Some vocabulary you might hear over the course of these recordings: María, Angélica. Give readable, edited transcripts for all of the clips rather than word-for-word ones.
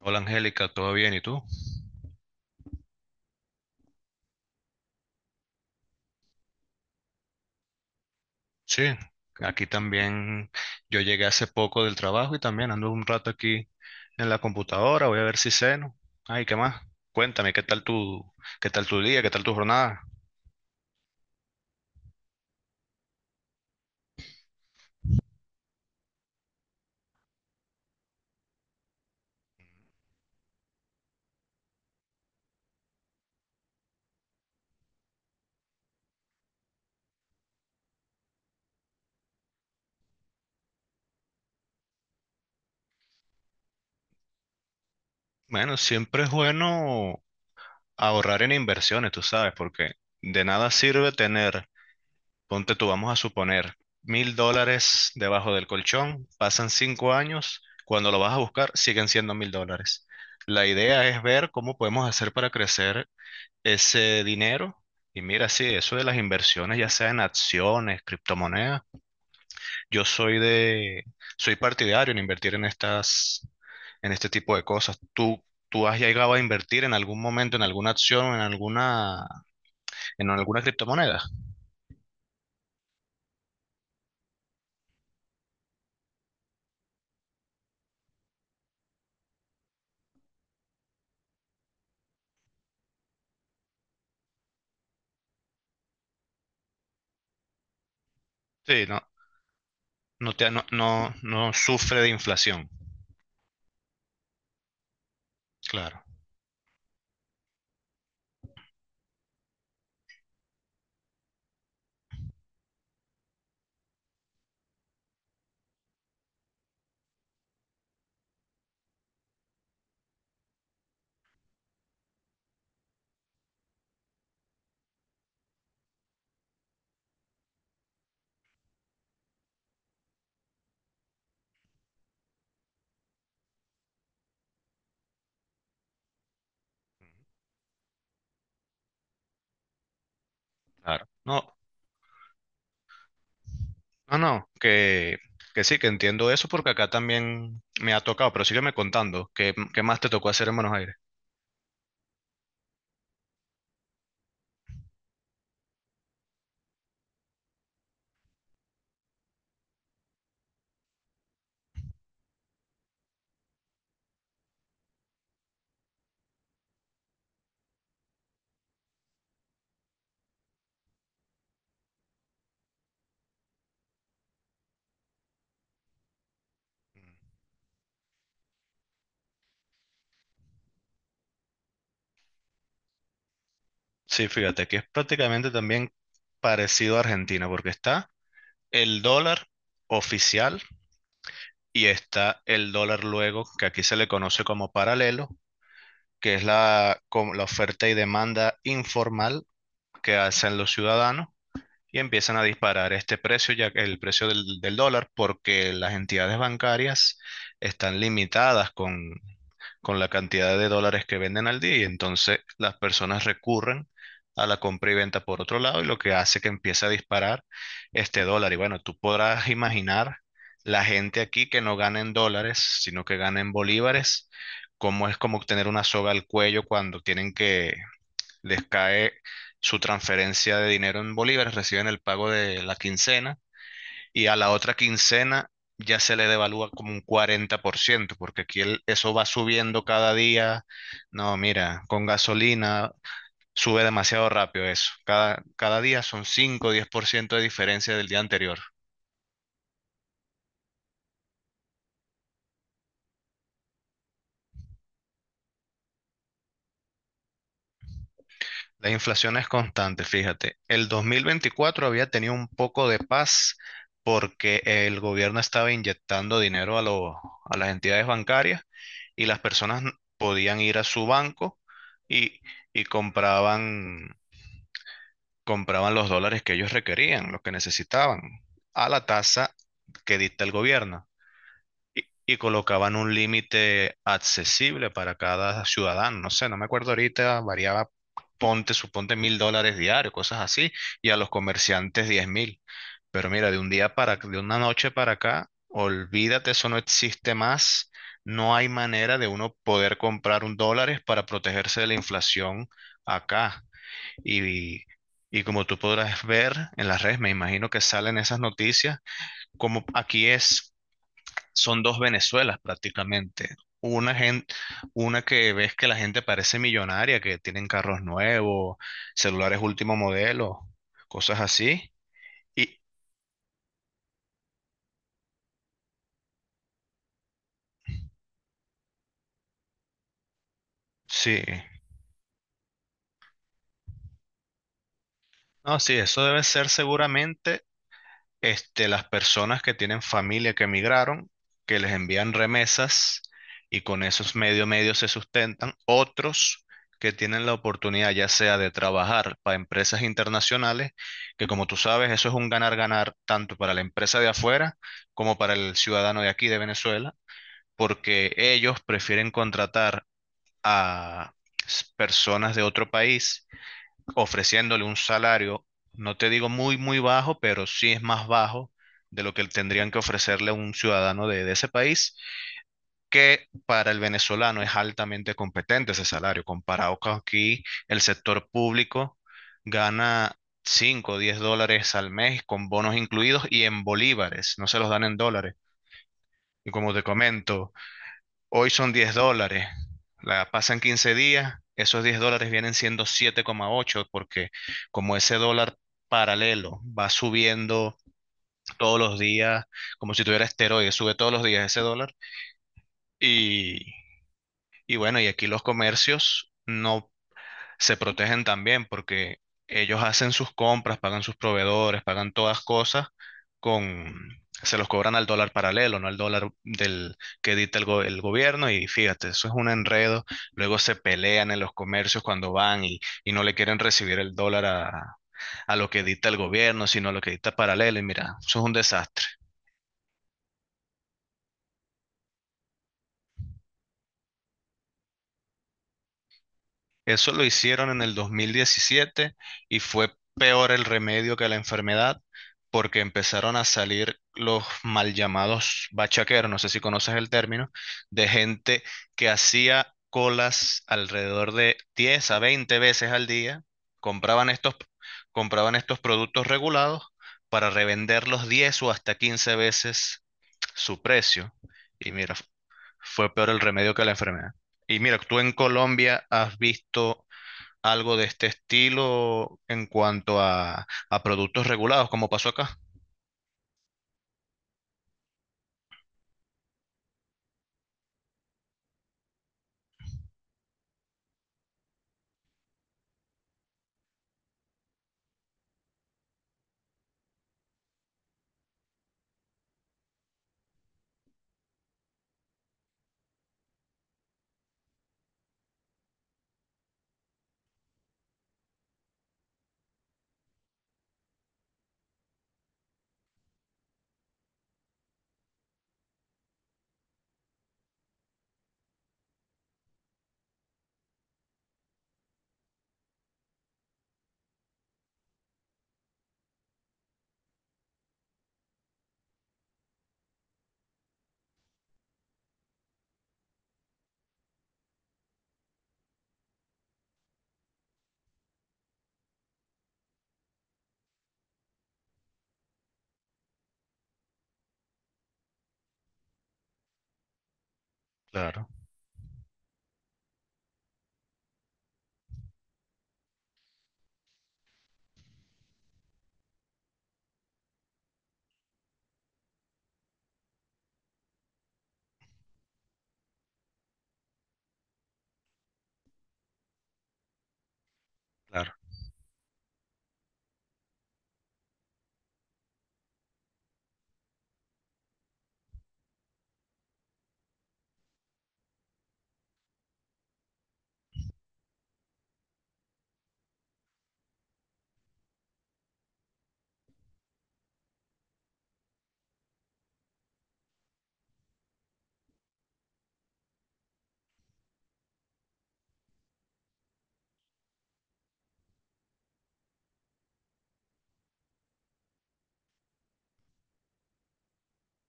Hola Angélica, ¿todo bien? ¿Y tú? Sí, aquí también, yo llegué hace poco del trabajo y también ando un rato aquí en la computadora, voy a ver si ceno. Ay, ¿qué más? Cuéntame, ¿Qué tal tu día, ¿qué tal tu jornada? Bueno, siempre es bueno ahorrar en inversiones, tú sabes, porque de nada sirve tener, ponte tú, vamos a suponer, $1.000 debajo del colchón, pasan 5 años, cuando lo vas a buscar siguen siendo $1.000. La idea es ver cómo podemos hacer para crecer ese dinero. Y mira, sí, eso de las inversiones, ya sea en acciones, criptomonedas, yo soy de, soy partidario en invertir en en este tipo de cosas. ¿Tú has llegado a invertir en algún momento en alguna acción, en en alguna criptomoneda? Sí, no, no sufre de inflación. Claro, claro. No, no, no, que sí, que entiendo eso porque acá también me ha tocado, pero sígueme contando, ¿Qué más te tocó hacer en Buenos Aires? Sí, fíjate que es prácticamente también parecido a Argentina, porque está el dólar oficial y está el dólar luego, que aquí se le conoce como paralelo, que es como la oferta y demanda informal que hacen los ciudadanos y empiezan a disparar este precio, ya que el precio del dólar, porque las entidades bancarias están limitadas con la cantidad de dólares que venden al día y entonces las personas recurren a la compra y venta por otro lado y lo que hace que empiece a disparar este dólar. Y bueno, tú podrás imaginar la gente aquí que no gana en dólares, sino que gana en bolívares, cómo es como tener una soga al cuello cuando tienen que les cae su transferencia de dinero en bolívares, reciben el pago de la quincena y a la otra quincena ya se le devalúa como un 40% porque aquí eso va subiendo cada día. No, mira, con gasolina sube demasiado rápido eso. Cada día son 5 o diez por ciento de diferencia del día anterior. La inflación es constante, fíjate. El 2024 había tenido un poco de paz porque el gobierno estaba inyectando dinero a a las entidades bancarias y las personas podían ir a su banco y, y compraban los dólares que ellos requerían, los que necesitaban, a la tasa que dicta el gobierno. Y colocaban un límite accesible para cada ciudadano. No sé, no me acuerdo ahorita, variaba, ponte, suponte $1.000 diarios, cosas así, y a los comerciantes 10.000. Pero mira, de una noche para acá, olvídate, eso no existe más. No hay manera de uno poder comprar un dólares para protegerse de la inflación acá. Y, y como tú podrás ver en las redes, me imagino que salen esas noticias, como aquí es son dos Venezuelas prácticamente. Una una que ves que la gente parece millonaria, que tienen carros nuevos, celulares último modelo, cosas así. Y sí, no, sí, eso debe ser seguramente, las personas que tienen familia que emigraron, que les envían remesas y con esos medios se sustentan. Otros que tienen la oportunidad ya sea de trabajar para empresas internacionales, que como tú sabes, eso es un ganar-ganar tanto para la empresa de afuera como para el ciudadano de aquí de Venezuela, porque ellos prefieren contratar a personas de otro país ofreciéndole un salario, no te digo muy, muy bajo, pero sí es más bajo de lo que tendrían que ofrecerle a un ciudadano de ese país, que para el venezolano es altamente competente ese salario, comparado con aquí el sector público gana cinco o 10 dólares al mes con bonos incluidos y en bolívares, no se los dan en dólares. Y como te comento, hoy son $10, la pasan 15 días, esos $10 vienen siendo 7,8, porque como ese dólar paralelo va subiendo todos los días, como si tuviera esteroides, sube todos los días ese dólar. Y, y bueno, y aquí los comercios no se protegen también porque ellos hacen sus compras, pagan sus proveedores, pagan todas cosas con, se los cobran al dólar paralelo, no al dólar del que edita el gobierno y fíjate, eso es un enredo. Luego se pelean en los comercios cuando van y no le quieren recibir el dólar a lo que edita el gobierno, sino a lo que edita paralelo y mira, eso es un desastre. Eso lo hicieron en el 2017 y fue peor el remedio que la enfermedad porque empezaron a salir los mal llamados bachaqueros, no sé si conoces el término, de gente que hacía colas alrededor de 10 a 20 veces al día, compraban estos, compraban estos productos regulados para revenderlos 10 o hasta 15 veces su precio. Y mira, fue peor el remedio que la enfermedad. Y mira, tú en Colombia has visto algo de este estilo en cuanto a productos regulados, como pasó acá. Claro, claro.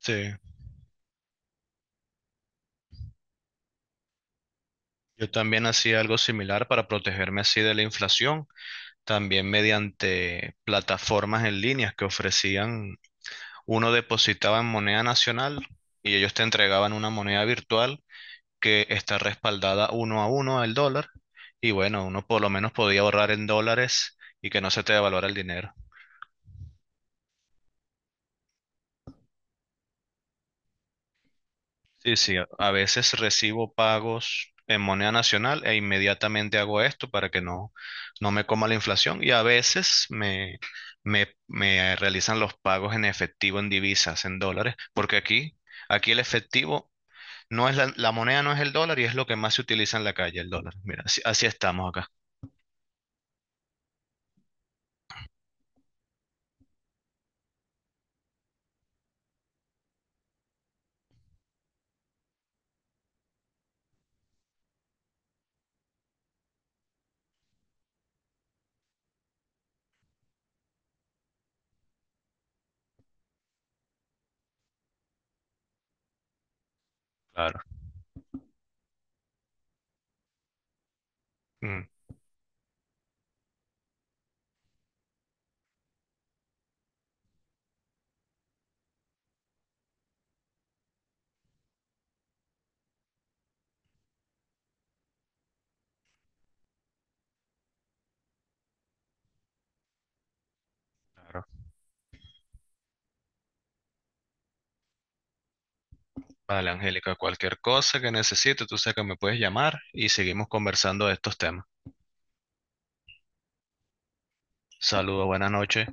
Sí, yo también hacía algo similar para protegerme así de la inflación, también mediante plataformas en línea que ofrecían, uno depositaba en moneda nacional y ellos te entregaban una moneda virtual que está respaldada uno a uno al dólar y bueno, uno por lo menos podía ahorrar en dólares y que no se te devaluara el dinero. Sí, sí, a veces recibo pagos en moneda nacional e inmediatamente hago esto para que no me coma la inflación y a veces me realizan los pagos en efectivo, en divisas, en dólares, porque aquí el efectivo no es la moneda, no es el dólar y es lo que más se utiliza en la calle, el dólar. Mira, así, así estamos acá. Claro. Mm. Claro. Vale, Angélica, cualquier cosa que necesite, tú sabes que me puedes llamar y seguimos conversando de estos temas. Saludos, buenas noches.